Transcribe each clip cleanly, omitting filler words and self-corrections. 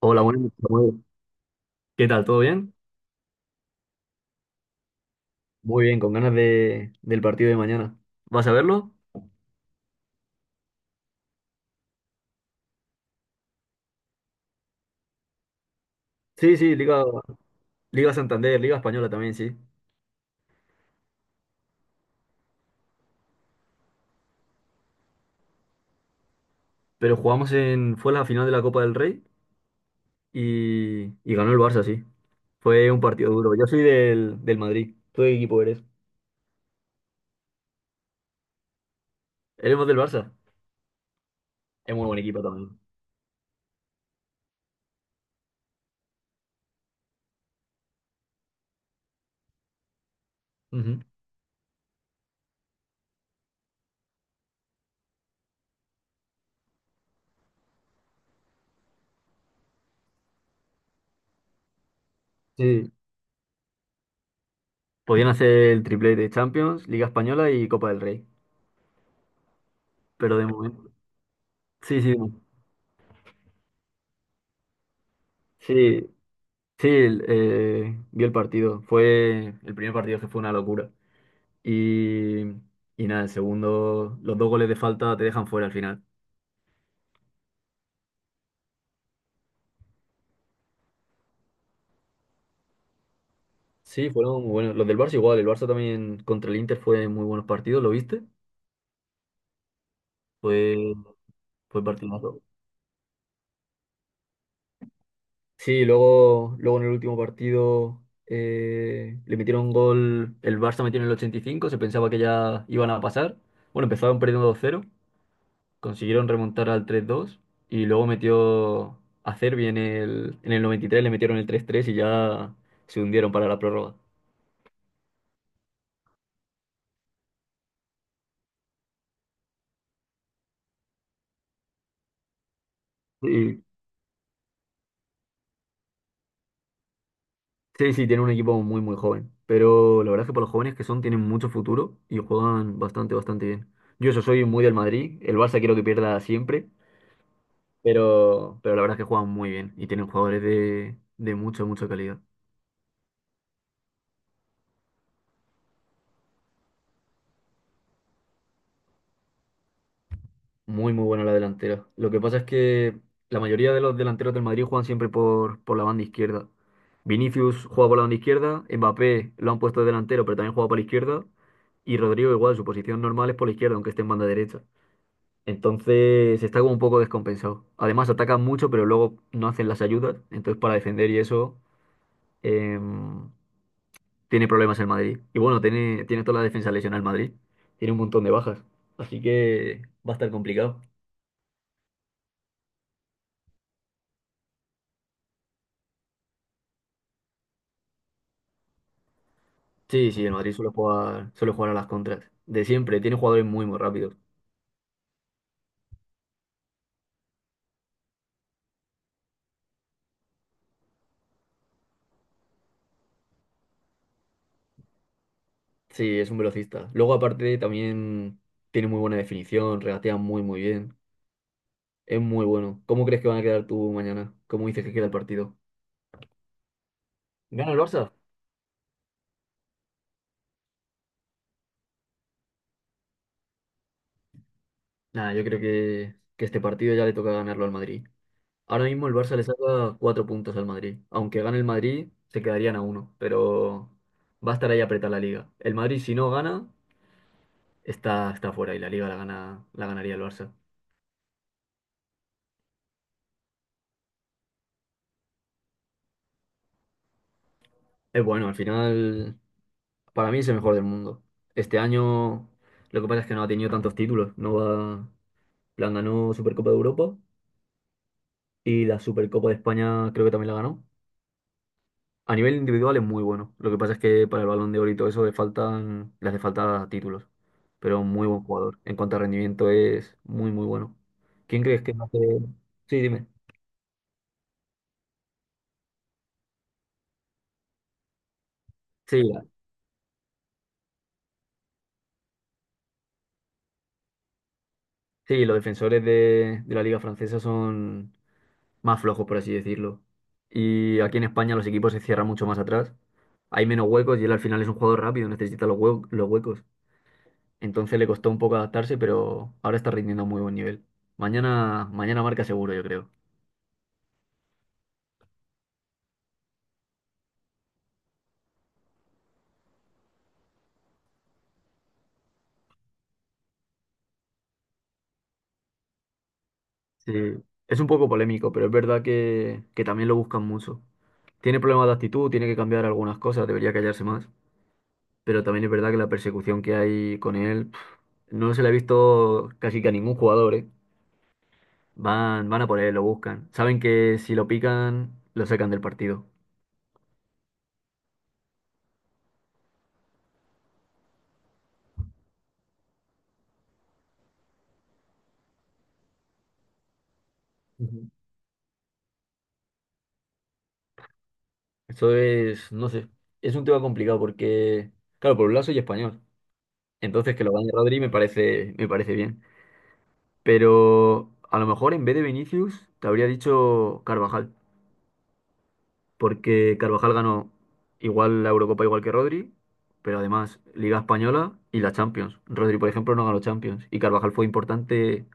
Hola, buenas noches, Samuel. ¿Qué tal? ¿Todo bien? Muy bien, con ganas del partido de mañana. ¿Vas a verlo? Sí, sí, Liga Santander, Liga Española también, sí. Pero jugamos fue la final de la Copa del Rey y ganó el Barça, sí. Fue un partido duro. Yo soy del Madrid. ¿Tú de qué equipo eres? ¿Eres del Barça? Es muy buen equipo también. Ujú. Sí. Podían hacer el triplete de Champions, Liga Española y Copa del Rey. Pero de momento. Sí, sí. No. Sí, Sí, vi el partido. Fue el primer partido que fue una locura. Y, y nada, el segundo, los dos goles de falta te dejan fuera al final. Sí, fueron muy buenos. Los del Barça igual. El Barça también contra el Inter fue muy buenos partidos, ¿lo viste? Fue, fue partidazo. Sí, luego en el último partido le metieron un gol. El Barça metió en el 85. Se pensaba que ya iban a pasar. Bueno, empezaron perdiendo 2-0. Consiguieron remontar al 3-2 y luego metió a Cervi en el 93, le metieron el 3-3 y ya se hundieron para la prórroga. Sí, sí, sí, tiene un equipo muy, muy joven. Pero la verdad es que para los jóvenes que son, tienen mucho futuro y juegan bastante, bastante bien. Yo eso soy muy del Madrid, el Barça quiero que pierda siempre, pero la verdad es que juegan muy bien y tienen jugadores de mucha, mucha calidad. Muy, muy buena la delantera. Lo que pasa es que la mayoría de los delanteros del Madrid juegan siempre por la banda izquierda. Vinicius juega por la banda izquierda, Mbappé lo han puesto de delantero, pero también juega por la izquierda, y Rodrigo igual, su posición normal es por la izquierda, aunque esté en banda derecha. Entonces está como un poco descompensado. Además atacan mucho, pero luego no hacen las ayudas, entonces para defender y eso em, tiene problemas el Madrid. Y bueno, tiene toda la defensa lesionada el Madrid, tiene un montón de bajas, así que va a estar complicado. Sí, sí, el Madrid suele jugar a las contras. De siempre, tiene jugadores muy, muy rápidos. Sí, es un velocista. Luego, aparte, también tiene muy buena definición, regatea muy, muy bien. Es muy bueno. ¿Cómo crees que van a quedar tú mañana? ¿Cómo dices que queda el partido? ¿Gana el Barça? Nada, yo creo que este partido ya le toca ganarlo al Madrid. Ahora mismo el Barça le saca 4 puntos al Madrid. Aunque gane el Madrid, se quedarían a uno. Pero va a estar ahí apretada la liga. El Madrid, si no gana, está fuera y la liga la ganaría el Barça. Es bueno, al final para mí es el mejor del mundo. Este año lo que pasa es que no ha tenido tantos títulos. No va, plan, ganó Supercopa de Europa y la Supercopa de España creo que también la ganó. A nivel individual es muy bueno. Lo que pasa es que para el Balón de Oro y todo eso le hace falta títulos. Pero muy buen jugador. En cuanto a rendimiento es muy, muy bueno. ¿Quién crees que hace? Sí, dime. Sí, sí, los defensores de la Liga Francesa son, más flojo, por así decirlo. Y aquí en España los equipos se cierran mucho más atrás. Hay menos huecos y él al final es un jugador rápido, necesita los huecos. Entonces le costó un poco adaptarse, pero ahora está rindiendo a muy buen nivel. Mañana, mañana marca seguro, yo creo. Sí. Es un poco polémico, pero es verdad que también lo buscan mucho. Tiene problemas de actitud, tiene que cambiar algunas cosas, debería callarse más. Pero también es verdad que la persecución que hay con él, pf, no se la he visto casi que a ningún jugador, ¿eh? Van a por él, lo buscan. Saben que si lo pican, lo sacan del partido. Ujú. Eso es, no sé, es un tema complicado porque, claro, por un lado soy español, entonces que lo gane Rodri me parece bien. Pero a lo mejor en vez de Vinicius te habría dicho Carvajal, porque Carvajal ganó igual la Eurocopa igual que Rodri, pero además Liga Española y la Champions. Rodri, por ejemplo, no ganó Champions y Carvajal fue importante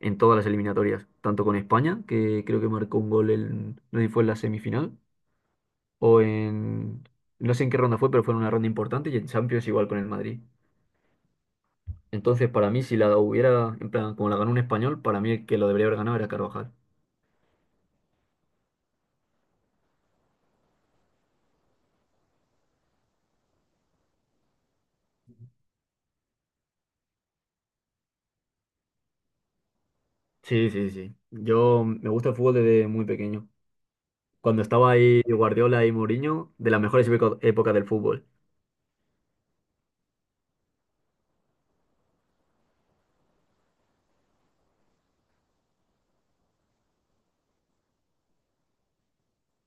en todas las eliminatorias, tanto con España, que creo que marcó un gol en, no sé si fue en la semifinal, o en, no sé en qué ronda fue, pero fue en una ronda importante, y en Champions igual con el Madrid. Entonces, para mí, si la hubiera, en plan, como la ganó un español, para mí el que lo debería haber ganado era Carvajal. Sí, sí, sí. Yo me gusta el fútbol desde muy pequeño. Cuando estaba ahí Guardiola y Mourinho, de las mejores épocas del fútbol.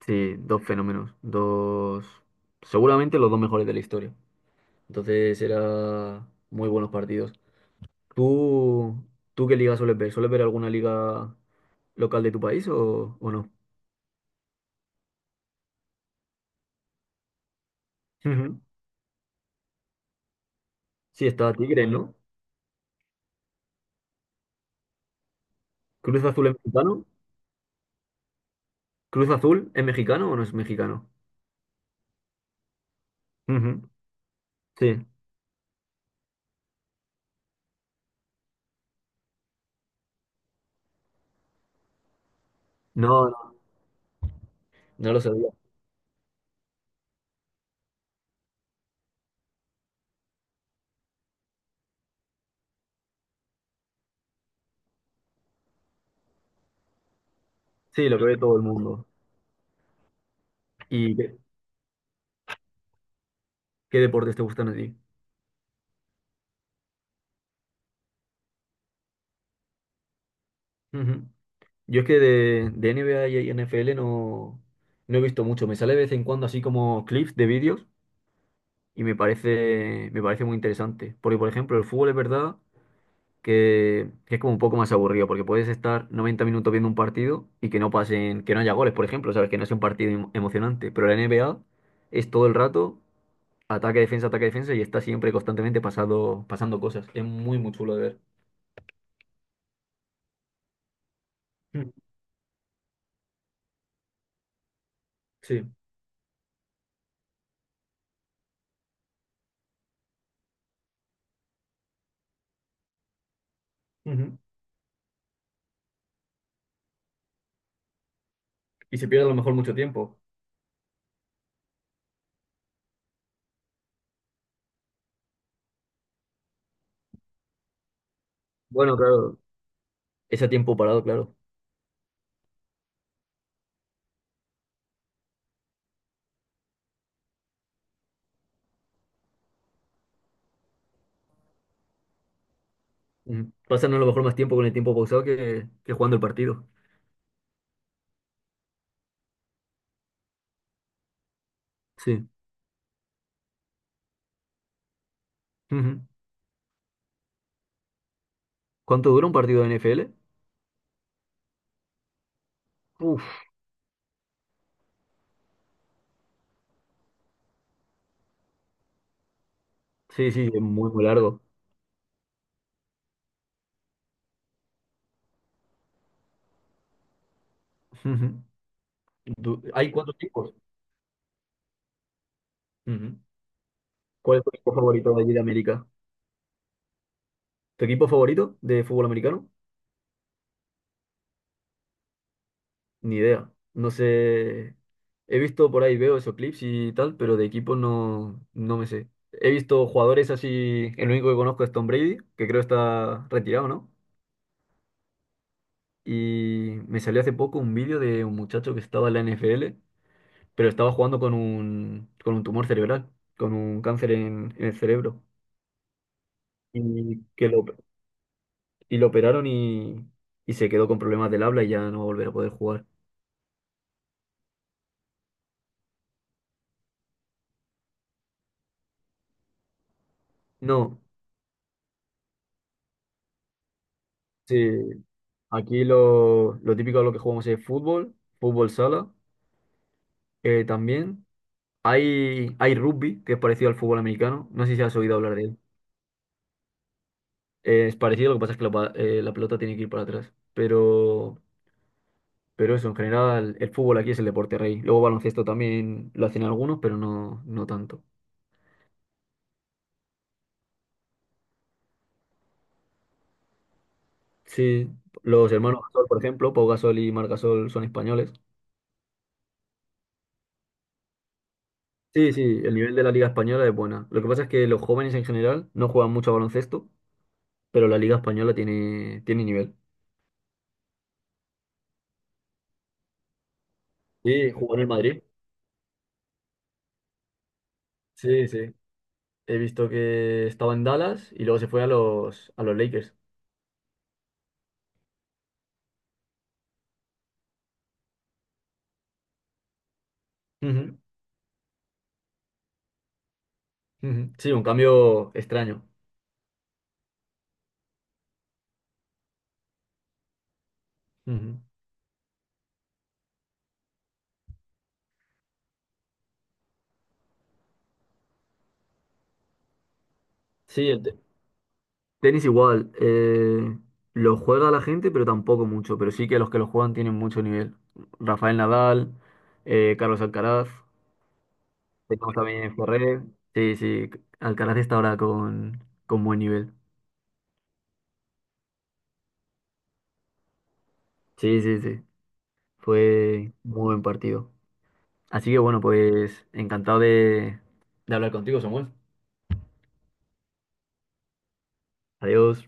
Sí, dos fenómenos, dos, seguramente los dos mejores de la historia. Entonces, eran muy buenos partidos. ¿Tú, tú qué liga sueles ver? ¿Sueles ver alguna liga local de tu país o no? Ujú. Sí, está Tigres, ¿no? Cruz Azul es mexicano. ¿Cruz Azul es mexicano o no es mexicano? Ujú. Sí. No, no, no lo sabía. Sí, lo que ve todo el mundo. ¿Y qué deportes te gustan a ti? Ujú. Yo es que de NBA y NFL no, no he visto mucho. Me sale de vez en cuando así como clips de vídeos y me parece muy interesante. Porque, por ejemplo, el fútbol es verdad que es como un poco más aburrido, porque puedes estar 90 minutos viendo un partido y que no pasen, que no haya goles, por ejemplo, ¿sabes? Que no sea un partido emocionante. Pero la NBA es todo el rato ataque, defensa y está siempre constantemente pasando cosas. Es muy, muy chulo de ver. Mm, sí. Ujú. Y se pierde a lo mejor mucho tiempo. Bueno, claro, ese tiempo parado, claro. Ujú. Pasan a lo mejor más tiempo con el tiempo pausado que jugando el partido. Sí. Ujú. ¿Cuánto dura un partido de NFL? Uf. Sí, sí, es muy, muy largo. Ujú. Hay cuatro equipos. Ujú. ¿Cuál es tu equipo favorito de allí de América? ¿Tu equipo favorito de fútbol americano? Ni idea. No sé. He visto por ahí, veo esos clips y tal, pero de equipo no, no me sé. He visto jugadores así. El único que conozco es Tom Brady, que creo está retirado, ¿no? Y me salió hace poco un vídeo de un muchacho que estaba en la NFL, pero estaba jugando con un, tumor cerebral, con un cáncer en el cerebro y que lo, y lo operaron y se quedó con problemas del habla y ya no va a volver a poder jugar. No, sí, aquí lo típico de lo que jugamos es fútbol, fútbol sala, también. Hay rugby, que es parecido al fútbol americano. No sé si has oído hablar de él. Es parecido, lo que pasa es que la pelota tiene que ir para atrás. Pero eso, en general, el fútbol aquí es el deporte rey. Luego baloncesto también lo hacen algunos, pero no, no tanto. Sí, los hermanos Gasol, por ejemplo, Pau Gasol y Marc Gasol son españoles. Sí, sí, el nivel de la Liga Española es buena. Lo que pasa es que los jóvenes en general no juegan mucho a baloncesto, pero la Liga Española tiene nivel. Sí, jugó en el Madrid. Sí, sí. He visto que estaba en Dallas y luego se fue a los Lakers. Ujú, ujú. Sí, un cambio extraño. Ujú. Sí, el tenis igual. Lo juega la gente, pero tampoco mucho. Pero sí que los que lo juegan tienen mucho nivel. Rafael Nadal, Carlos Alcaraz. Tenemos también Ferrer. Sí, sí. Alcaraz está ahora con buen nivel. Sí, sí, sí. Fue muy buen partido. Así que bueno, pues encantado de hablar contigo, Samuel. Adiós.